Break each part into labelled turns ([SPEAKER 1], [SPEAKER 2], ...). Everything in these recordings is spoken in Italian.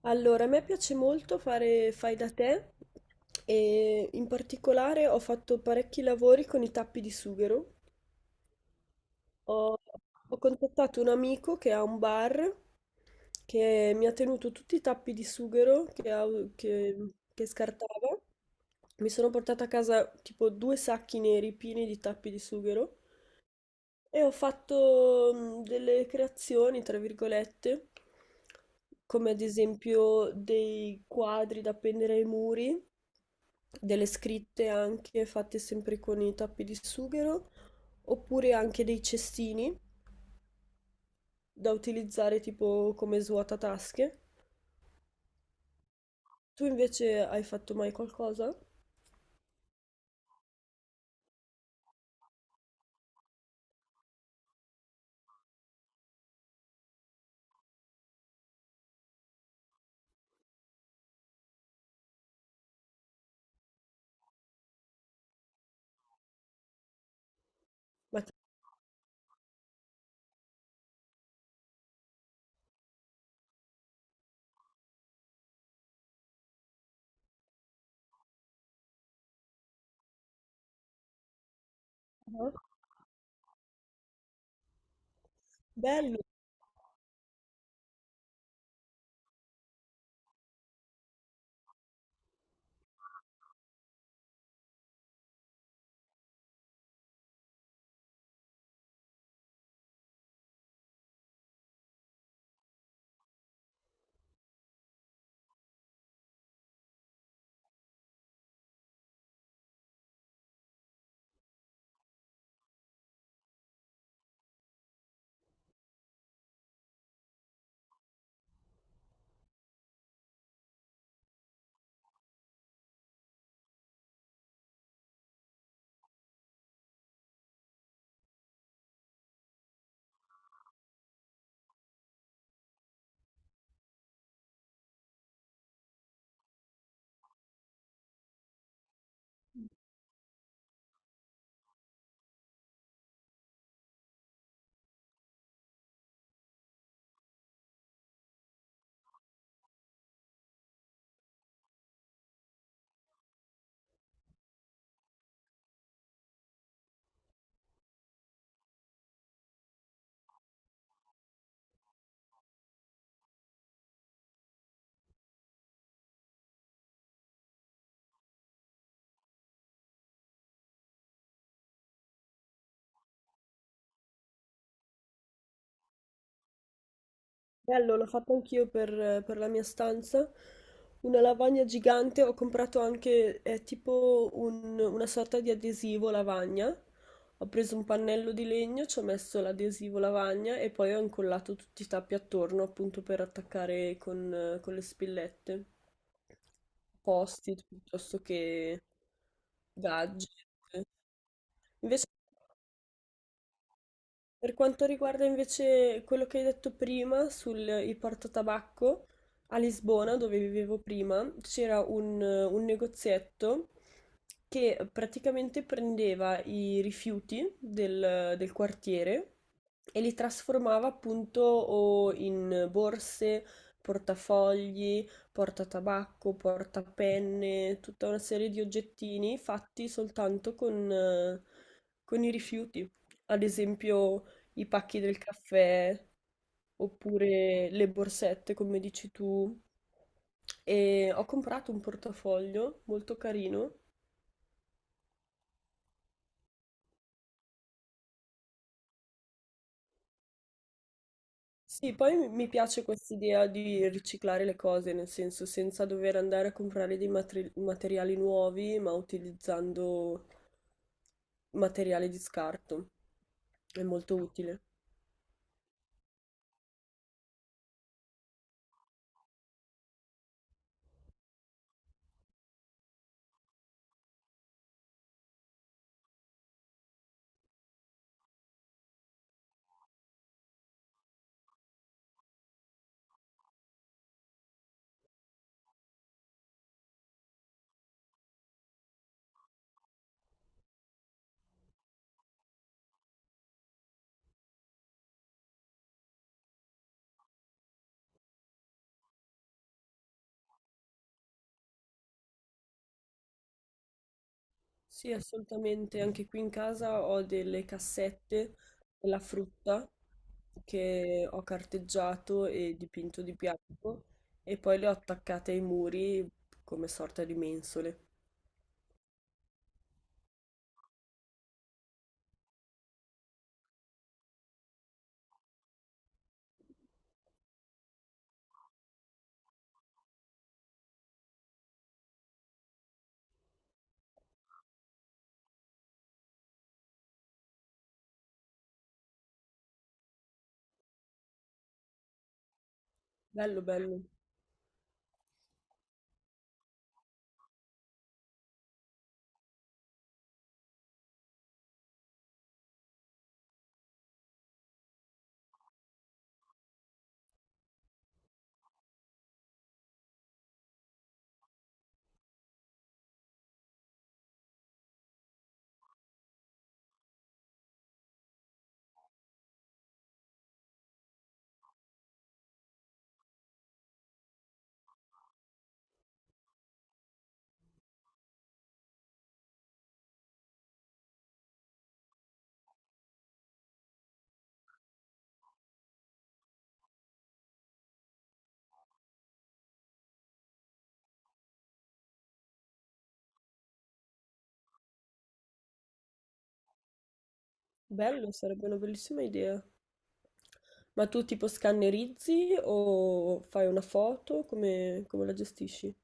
[SPEAKER 1] Allora, a me piace molto fare fai da te e in particolare ho fatto parecchi lavori con i tappi di sughero. Ho, ho contattato un amico che ha un bar che mi ha tenuto tutti i tappi di sughero che scartava. Mi sono portata a casa tipo due sacchi neri pieni di tappi di sughero e ho fatto delle creazioni, tra virgolette, come ad esempio dei quadri da appendere ai muri, delle scritte anche fatte sempre con i tappi di sughero, oppure anche dei cestini da utilizzare tipo come svuotatasche. Tu invece hai fatto mai qualcosa? Ma ti- Bello! Bello, l'ho fatto anch'io per la mia stanza. Una lavagna gigante, ho comprato anche tipo una sorta di adesivo lavagna. Ho preso un pannello di legno, ci ho messo l'adesivo lavagna e poi ho incollato tutti i tappi attorno appunto per attaccare con le spillette. Post-it piuttosto che gadget. Invece Per quanto riguarda invece quello che hai detto prima sul il portatabacco, a Lisbona, dove vivevo prima, c'era un negozietto che praticamente prendeva i rifiuti del quartiere e li trasformava appunto o in borse, portafogli, portatabacco, portapenne, tutta una serie di oggettini fatti soltanto con i rifiuti, ad esempio i pacchi del caffè oppure le borsette, come dici tu. E ho comprato un portafoglio molto carino. Sì, poi mi piace quest'idea di riciclare le cose, nel senso senza dover andare a comprare dei materiali nuovi, ma utilizzando materiale di scarto. È molto utile. Sì, assolutamente. Anche qui in casa ho delle cassette della frutta che ho carteggiato e dipinto di bianco e poi le ho attaccate ai muri come sorta di mensole. Bello, bello. Bello, sarebbe una bellissima idea. Ma tu tipo scannerizzi o fai una foto? Come, come la gestisci?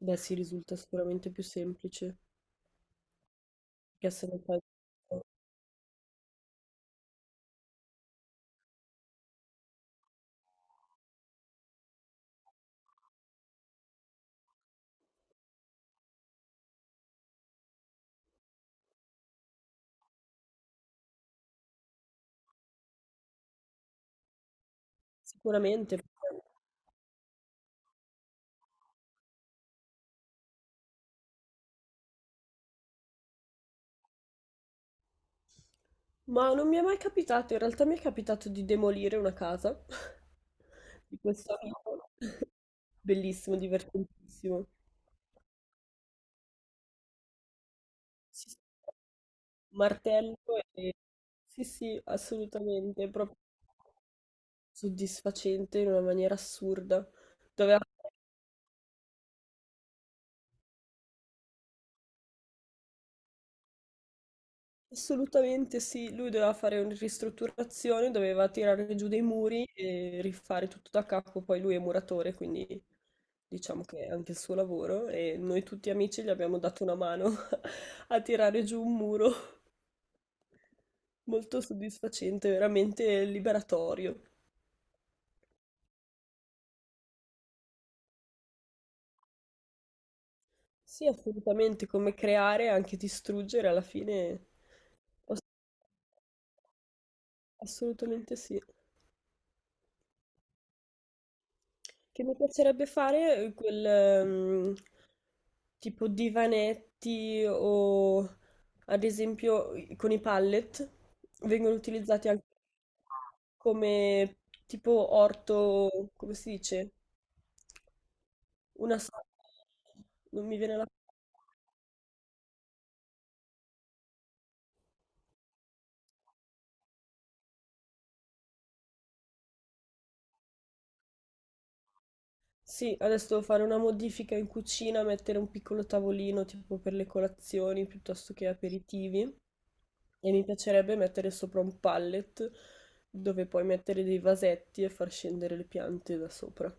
[SPEAKER 1] Beh, sì, risulta sicuramente più semplice. Perché se non fai... Sicuramente. Ma non mi è mai capitato, in realtà mi è capitato di demolire una casa di questo amico. Bellissimo, divertentissimo. Sì, sì, martello e... Sì, sì, assolutamente, è proprio soddisfacente in una maniera assurda. Doveva Assolutamente sì, lui doveva fare una ristrutturazione, doveva tirare giù dei muri e rifare tutto da capo, poi lui è muratore, quindi diciamo che è anche il suo lavoro e noi tutti amici gli abbiamo dato una mano a tirare giù un muro. Molto soddisfacente, veramente liberatorio. Sì, assolutamente, come creare e anche distruggere alla fine. ass- Assolutamente sì. Che mi piacerebbe fare quel tipo divanetti o ad esempio con i pallet vengono utilizzati anche come tipo orto, come si dice? Una sala. Non mi viene la... Sì, adesso devo fare una modifica in cucina, mettere un piccolo tavolino tipo per le colazioni piuttosto che aperitivi. E mi piacerebbe mettere sopra un pallet dove puoi mettere dei vasetti e far scendere le piante da sopra.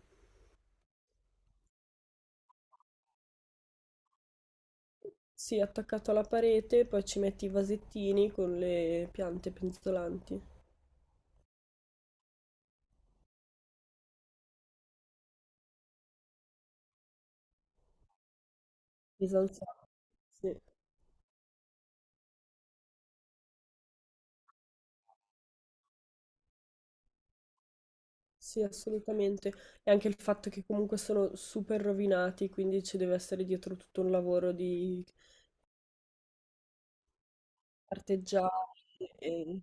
[SPEAKER 1] Sì, attaccato alla parete, poi ci metti i vasettini con le piante penzolanti. Disanziate. Sì, sì, assolutamente. E anche il fatto che comunque sono super rovinati, quindi ci deve essere dietro tutto un lavoro di artigiani.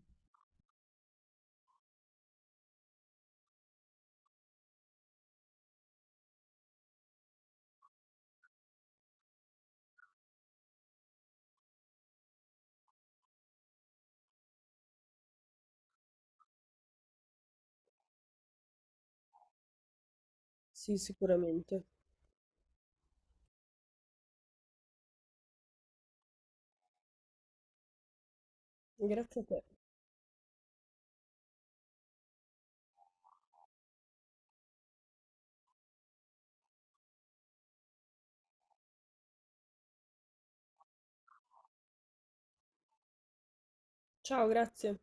[SPEAKER 1] Sì, sicuramente. Grazie a te. Ciao, grazie.